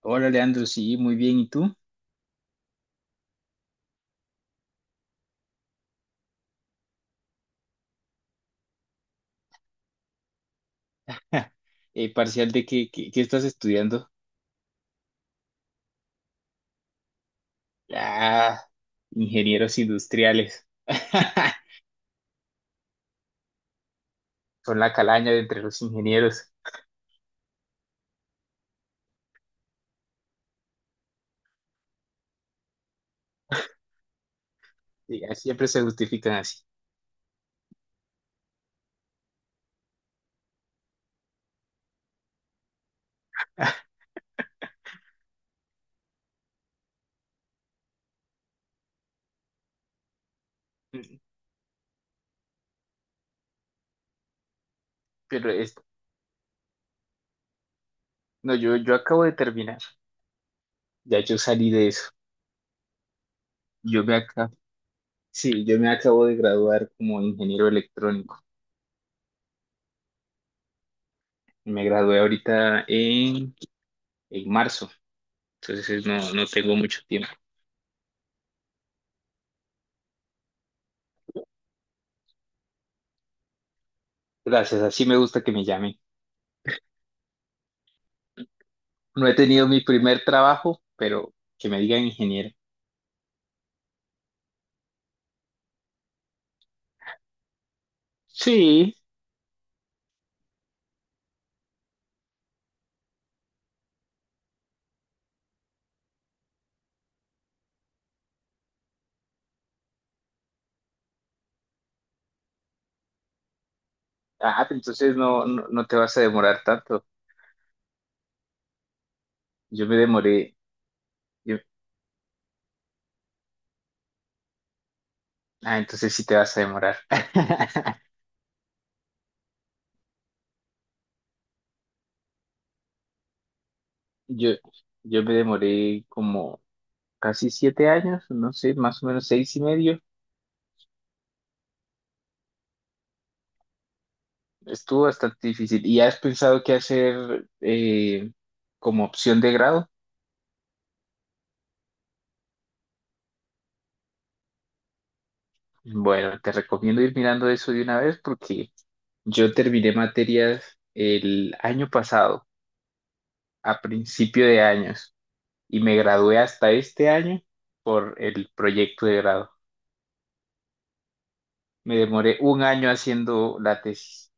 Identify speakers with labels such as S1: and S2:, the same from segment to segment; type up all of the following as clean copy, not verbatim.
S1: Hola, Leandro, sí, muy bien. ¿Y tú? ¿Parcial de qué, qué estás estudiando? Ah, ingenieros industriales. Son la calaña de entre los ingenieros. Sí, siempre se justifican así. Mm. Pero es- no, yo acabo de terminar. Ya yo salí de eso. Yo me acabo, sí, yo me acabo de graduar como ingeniero electrónico. Me gradué en marzo. Entonces no tengo mucho tiempo. Gracias, así me gusta que me llamen. No he tenido mi primer trabajo, pero que me digan ingeniero. Sí. Ah, pero entonces no te vas a demorar tanto. Yo me demoré. yo- ah, entonces sí te vas a demorar. Yo, yo me demoré como casi 7 años, no sé, más o menos 6 y medio. Estuvo bastante difícil. ¿Y has pensado qué hacer como opción de grado? Bueno, te recomiendo ir mirando eso de una vez porque yo terminé materias el año pasado a principio de años y me gradué hasta este año por el proyecto de grado. Me demoré un año haciendo la tesis,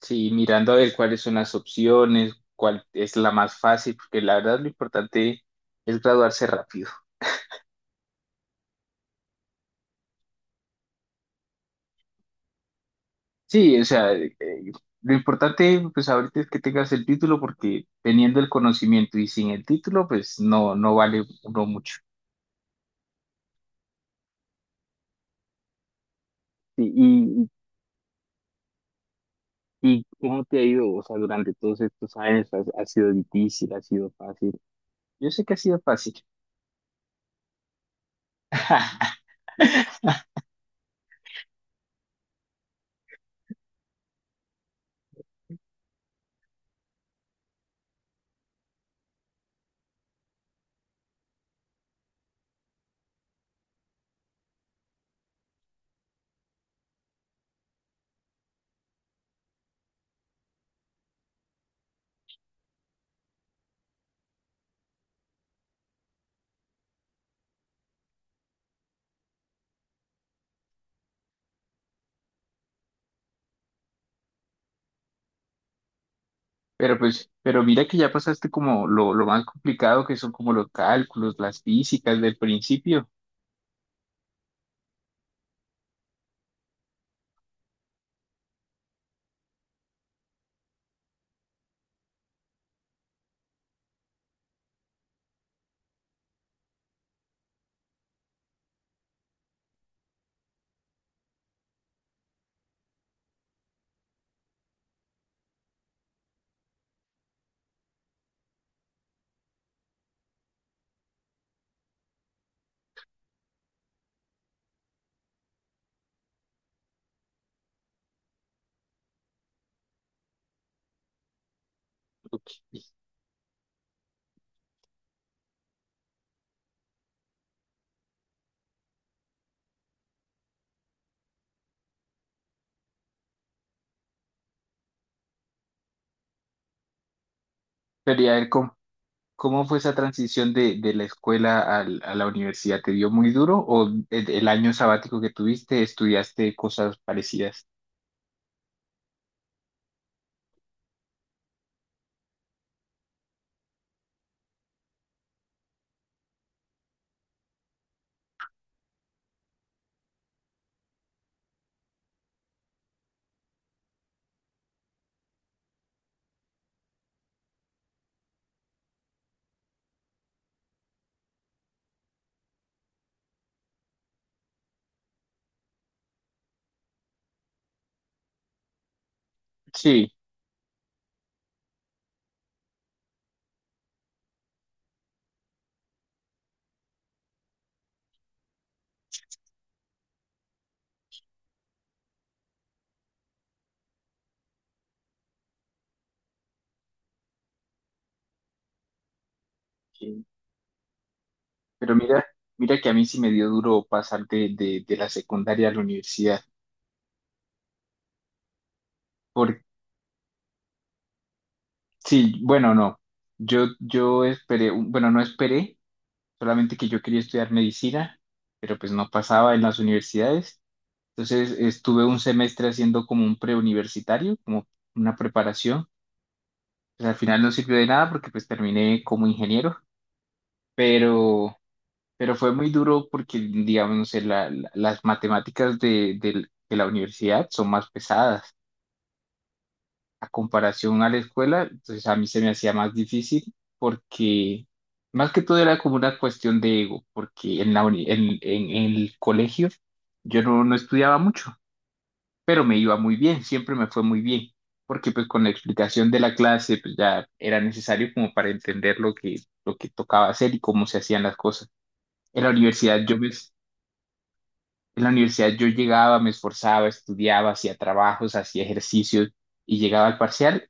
S1: sí, mirando a ver cuáles son las opciones, cuál es la más fácil, porque la verdad lo importante es graduarse rápido. Sí, o sea, lo importante pues ahorita es que tengas el título porque teniendo el conocimiento y sin el título pues no vale uno mucho. Sí. ¿Y cómo te ha ido? O sea, durante todos estos años, ¿ha sido difícil? ¿Ha sido fácil? Yo sé que ha sido fácil. Pero pues, pero mira que ya pasaste como lo más complicado que son como los cálculos, las físicas del principio. Ok. Pero ya ver cómo fue esa transición de la escuela a la universidad. ¿Te dio muy duro o el año sabático que tuviste estudiaste cosas parecidas? Sí, sí. Pero mira, mira que a mí sí me dio duro pasar de la secundaria a la universidad. Por, sí, bueno, no. Yo esperé, bueno, no esperé, solamente que yo quería estudiar medicina, pero pues no pasaba en las universidades. Entonces estuve un semestre haciendo como un preuniversitario, como una preparación. Pues al final no sirvió de nada porque pues terminé como ingeniero, pero, pero fue muy duro porque, digamos, no sé, las matemáticas de la universidad son más pesadas. A comparación a la escuela, entonces a mí se me hacía más difícil porque más que todo era como una cuestión de ego, porque en la uni- en el colegio yo no estudiaba mucho, pero me iba muy bien, siempre me fue muy bien, porque pues con la explicación de la clase pues ya era necesario como para entender lo lo que tocaba hacer y cómo se hacían las cosas. En la universidad yo me, en la universidad yo llegaba, me esforzaba, estudiaba, hacía trabajos, hacía ejercicios y llegaba al parcial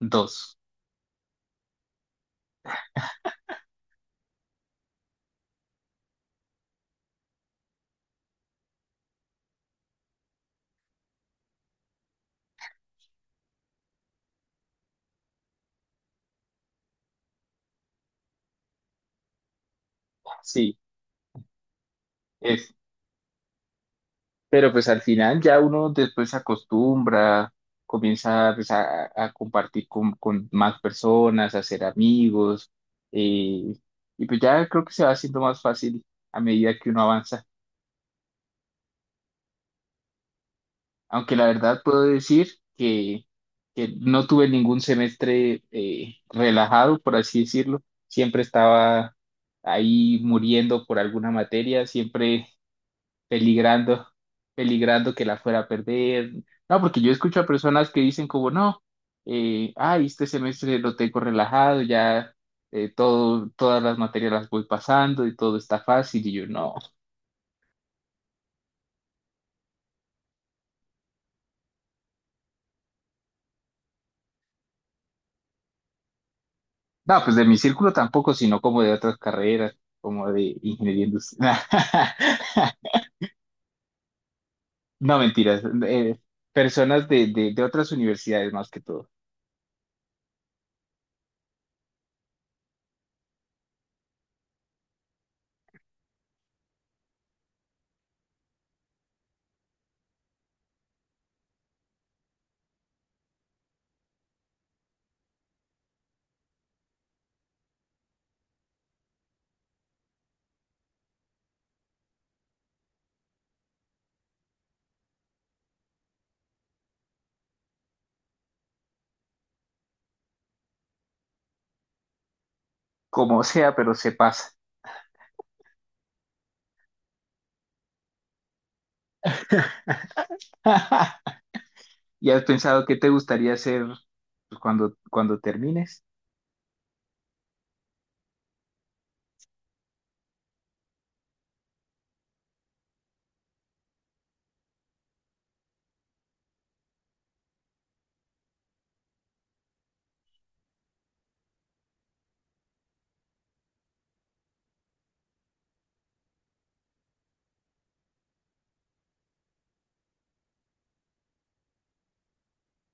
S1: dos. Sí. Es, pero pues al final ya uno después se acostumbra, comienza pues, a compartir con más personas, a hacer amigos, eh, y pues ya creo que se va haciendo más fácil a medida que uno avanza. Aunque la verdad puedo decir que, que no tuve ningún semestre relajado, por así decirlo. Siempre estaba ahí muriendo por alguna materia, siempre peligrando, peligrando que la fuera a perder. No, porque yo escucho a personas que dicen como, no, ay, este semestre lo tengo relajado, ya todas las materias las voy pasando y todo está fácil. Y yo, no. No, pues de mi círculo tampoco, sino como de otras carreras, como de ingeniería industrial. No, mentiras. eh, Personas de otras universidades más que todo. Como sea, pero se pasa. ¿Y has pensado qué te gustaría hacer pues, cuando termines?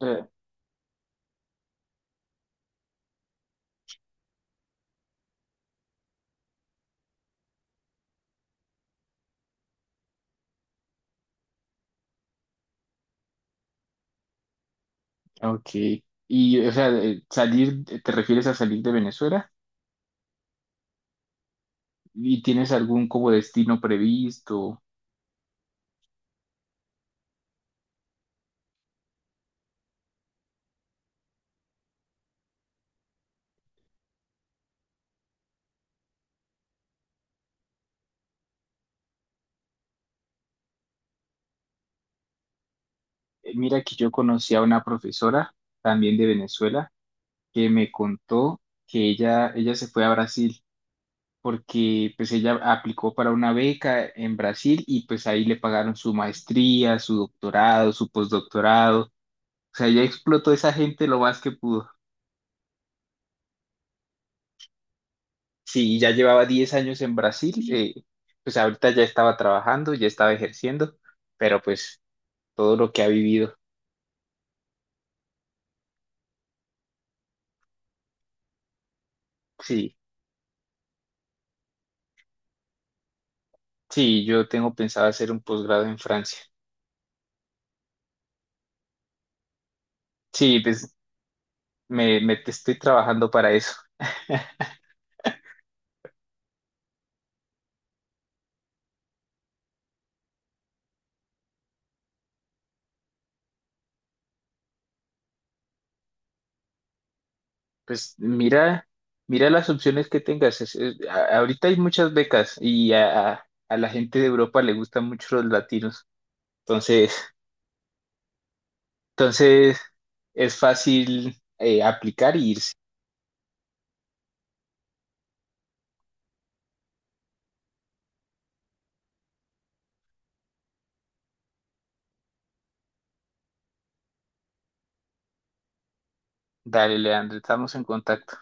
S1: Eh, Ok. Y, o sea, salir, ¿te refieres a salir de Venezuela? ¿Y tienes algún como destino previsto? Mira que yo conocí a una profesora también de Venezuela que me contó que ella se fue a Brasil porque pues ella aplicó para una beca en Brasil y pues ahí le pagaron su maestría, su doctorado, su postdoctorado. O sea, ella explotó a esa gente lo más que pudo. Sí, ya llevaba 10 años en Brasil, pues ahorita ya estaba trabajando, ya estaba ejerciendo, pero pues todo lo que ha vivido, sí, sí, yo tengo pensado hacer un posgrado en Francia. Sí, pues me estoy trabajando para eso. Pues mira, mira las opciones que tengas. Ahorita hay muchas becas y a la gente de Europa le gustan mucho los latinos. Entonces, entonces es fácil aplicar y irse. Dale, Leandro, estamos en contacto.